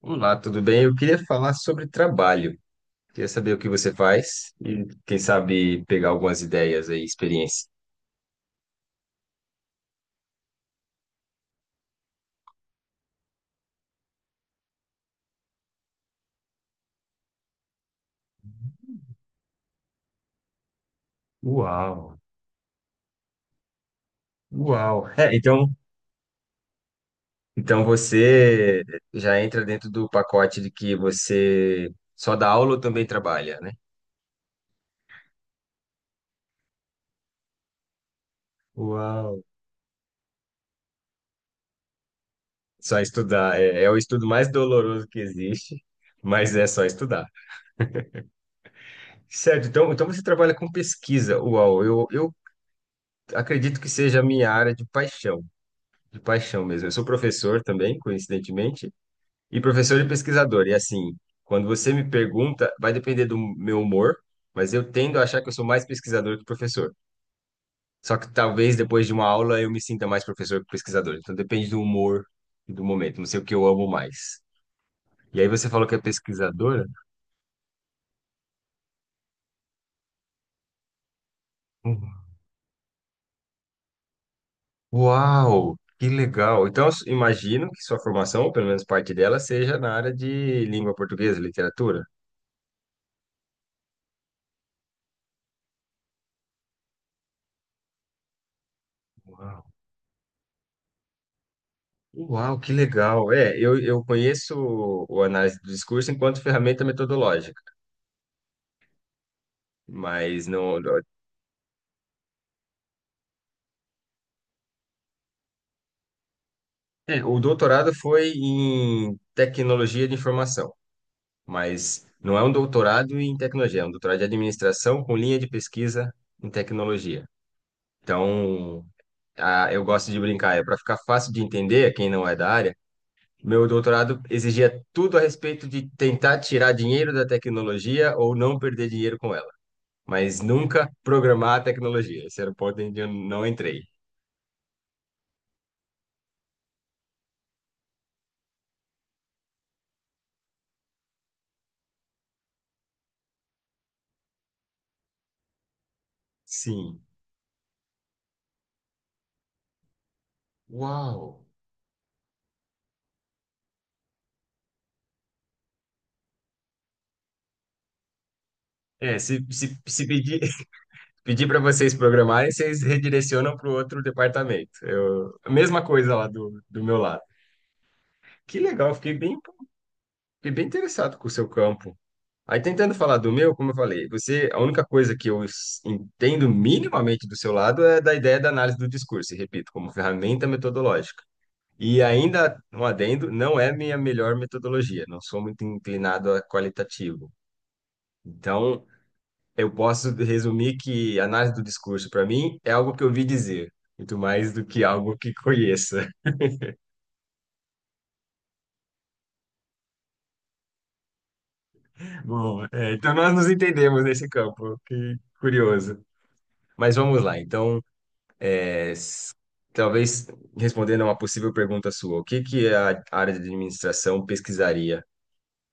Olá, tudo bem? Eu queria falar sobre trabalho. Queria saber o que você faz e, quem sabe, pegar algumas ideias aí, experiência. Uau, uau. Então, você já entra dentro do pacote de que você só dá aula ou também trabalha, né? Uau. Só estudar. É o estudo mais doloroso que existe, mas é só estudar. Certo, então você trabalha com pesquisa. Uau, eu acredito que seja a minha área de paixão. De paixão mesmo. Eu sou professor também, coincidentemente, e professor e pesquisador. E assim, quando você me pergunta, vai depender do meu humor, mas eu tendo a achar que eu sou mais pesquisador que professor. Só que talvez depois de uma aula eu me sinta mais professor que pesquisador. Então depende do humor e do momento. Não sei o que eu amo mais. E aí você falou que é pesquisadora? Uhum. Uau! Que legal! Então, imagino que sua formação, ou pelo menos parte dela, seja na área de língua portuguesa, literatura. Uau, que legal. É, eu conheço o análise do discurso enquanto ferramenta metodológica, mas é, o doutorado foi em tecnologia de informação, mas não é um doutorado em tecnologia, é um doutorado de administração com linha de pesquisa em tecnologia. Então, eu gosto de brincar, é para ficar fácil de entender quem não é da área. Meu doutorado exigia tudo a respeito de tentar tirar dinheiro da tecnologia ou não perder dinheiro com ela, mas nunca programar a tecnologia. Esse era o ponto onde eu não entrei. Sim. Uau! É, se pedir, pedir para vocês programarem, vocês redirecionam para o outro departamento. Eu, a mesma coisa lá do meu lado. Que legal, fiquei bem interessado com o seu campo. Aí tentando falar do meu, como eu falei, você, a única coisa que entendo minimamente do seu lado é da ideia da análise do discurso, e repito, como ferramenta metodológica. E ainda, um adendo, não é minha melhor metodologia, não sou muito inclinado a qualitativo. Então, eu posso resumir que análise do discurso, para mim, é algo que eu ouvi dizer, muito mais do que algo que conheça. Bom, então nós nos entendemos nesse campo, que curioso. Mas vamos lá, então, é, s- talvez respondendo a uma possível pergunta sua, o que que a área de administração pesquisaria,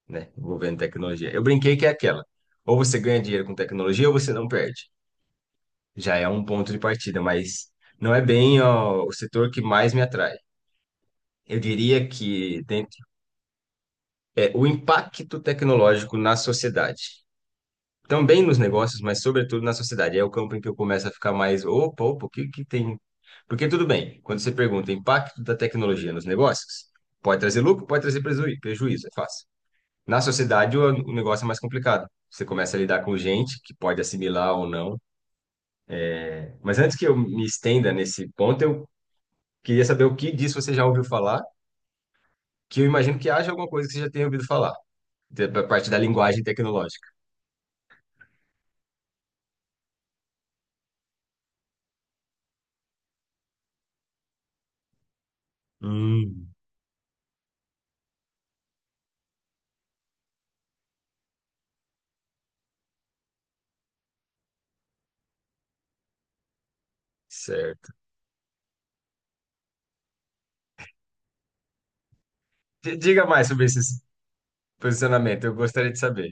né, envolvendo tecnologia? Eu brinquei que é aquela, ou você ganha dinheiro com tecnologia ou você não perde. Já é um ponto de partida, mas não é bem ó, o setor que mais me atrai. Eu diria que dentro, é o impacto tecnológico na sociedade. Também nos negócios, mas sobretudo na sociedade. É o campo em que eu começo a ficar mais, opa, opa, o que que tem? Porque tudo bem, quando você pergunta impacto da tecnologia nos negócios, pode trazer lucro, pode trazer prejuízo, é fácil. Na sociedade, o negócio é mais complicado. Você começa a lidar com gente que pode assimilar ou não. Mas antes que eu me estenda nesse ponto, eu queria saber o que disso você já ouviu falar, que eu imagino que haja alguma coisa que você já tenha ouvido falar, da parte da linguagem tecnológica. Hum. Certo. Diga mais sobre esse posicionamento, eu gostaria de saber.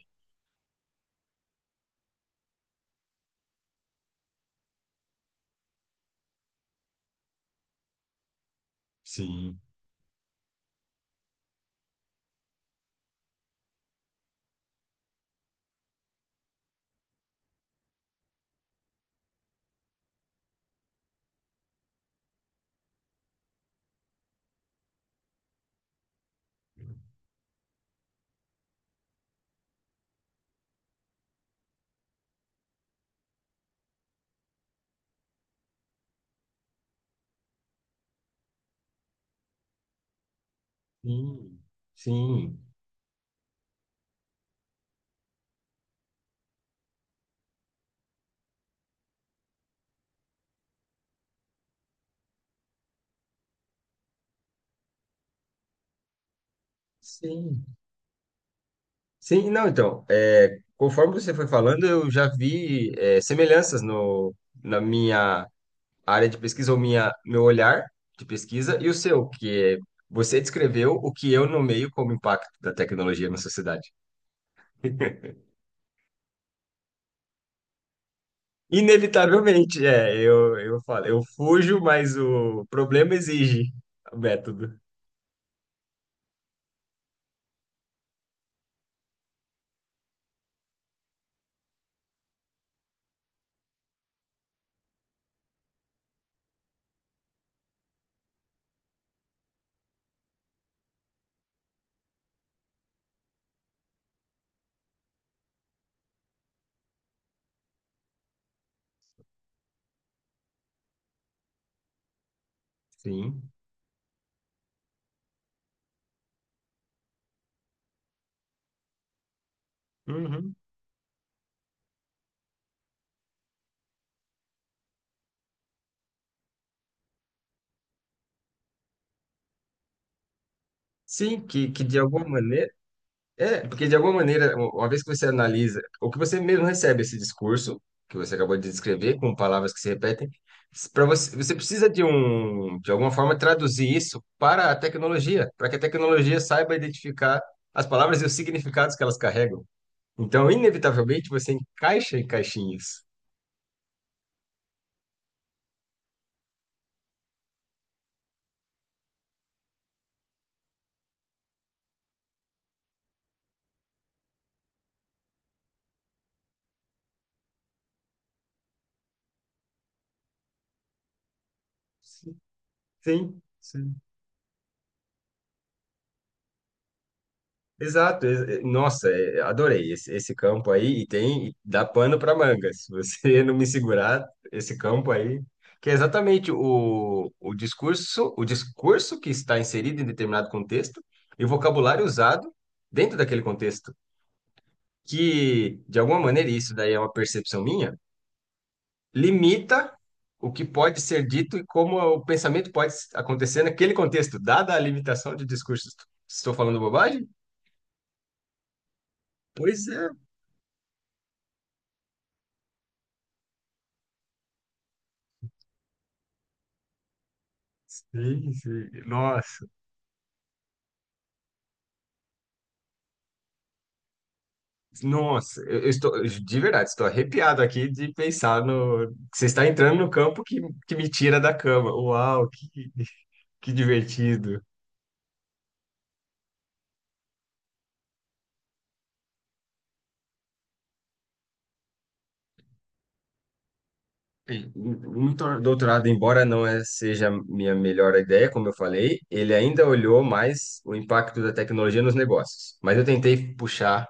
Sim. Sim. Sim. Sim. Sim, não, então, é, conforme você foi falando, eu já vi é, semelhanças no, na minha área de pesquisa, ou minha, meu olhar de pesquisa, e o seu, que é, você descreveu o que eu nomeio como impacto da tecnologia na sociedade. Inevitavelmente, é, eu falo, eu fujo, mas o problema exige o método. Sim. Uhum. Sim, que de alguma maneira. É, porque de alguma maneira, uma vez que você analisa, ou que você mesmo recebe esse discurso, que você acabou de descrever, com palavras que se repetem, para você, você precisa de um, de alguma forma, traduzir isso para a tecnologia, para que a tecnologia saiba identificar as palavras e os significados que elas carregam. Então, inevitavelmente, você encaixa em caixinhas. Sim, sim. Exato. Nossa, é, adorei esse campo aí e tem e dá pano para manga. Se você não me segurar esse campo aí, que é exatamente o discurso que está inserido em determinado contexto e o vocabulário usado dentro daquele contexto, que de alguma maneira e isso daí é uma percepção minha, limita o que pode ser dito e como o pensamento pode acontecer naquele contexto, dada a limitação de discursos. Estou falando bobagem? Pois é. Sim, sim. Nossa, nossa, eu estou de verdade, estou arrepiado aqui de pensar no que você está entrando no campo que me tira da cama. Uau, que divertido. Bem, um doutorado, embora não seja minha melhor ideia, como eu falei, ele ainda olhou mais o impacto da tecnologia nos negócios. Mas eu tentei puxar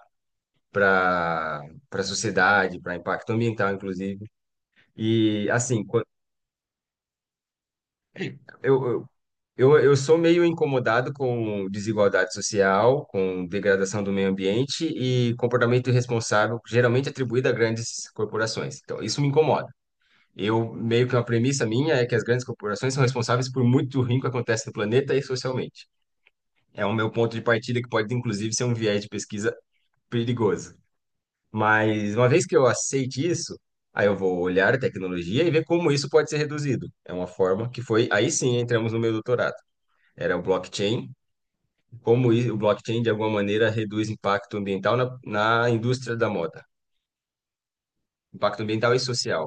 para para a sociedade, para impacto ambiental, inclusive. E assim, Eu, eu, eu sou meio incomodado com desigualdade social, com degradação do meio ambiente e comportamento irresponsável, geralmente atribuído a grandes corporações. Então, isso me incomoda. Eu, meio que uma premissa minha é que as grandes corporações são responsáveis por muito ruim que acontece no planeta e socialmente. É o meu ponto de partida que pode, inclusive, ser um viés de pesquisa perigoso. Mas, uma vez que eu aceite isso, aí eu vou olhar a tecnologia e ver como isso pode ser reduzido. É uma forma que foi, aí sim entramos no meu doutorado, era o blockchain, o blockchain de alguma maneira reduz impacto ambiental na indústria da moda, impacto ambiental e social.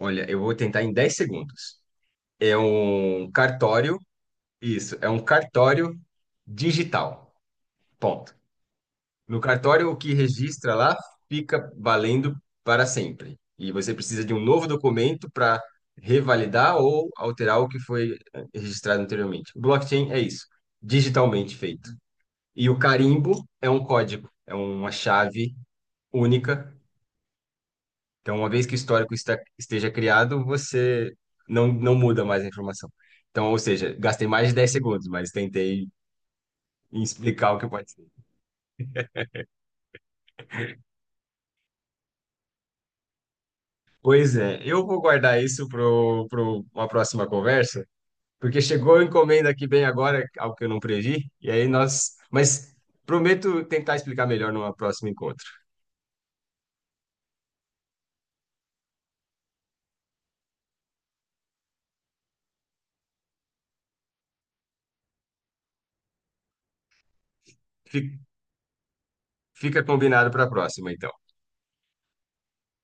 Olha, eu vou tentar em 10 segundos. É um cartório, isso, é um cartório digital. Ponto. No cartório, o que registra lá fica valendo para sempre. E você precisa de um novo documento para revalidar ou alterar o que foi registrado anteriormente. O Blockchain é isso, digitalmente feito. E o carimbo é um código, é uma chave única. Então, uma vez que o histórico esteja criado, você não muda mais a informação. Então, ou seja, gastei mais de 10 segundos, mas tentei explicar o que pode ser. Pois é, eu vou guardar isso para uma próxima conversa, porque chegou a encomenda aqui bem agora, algo que eu não previ, e aí nós. Mas prometo tentar explicar melhor numa próxima encontro. Fi- Fica combinado para a próxima, então.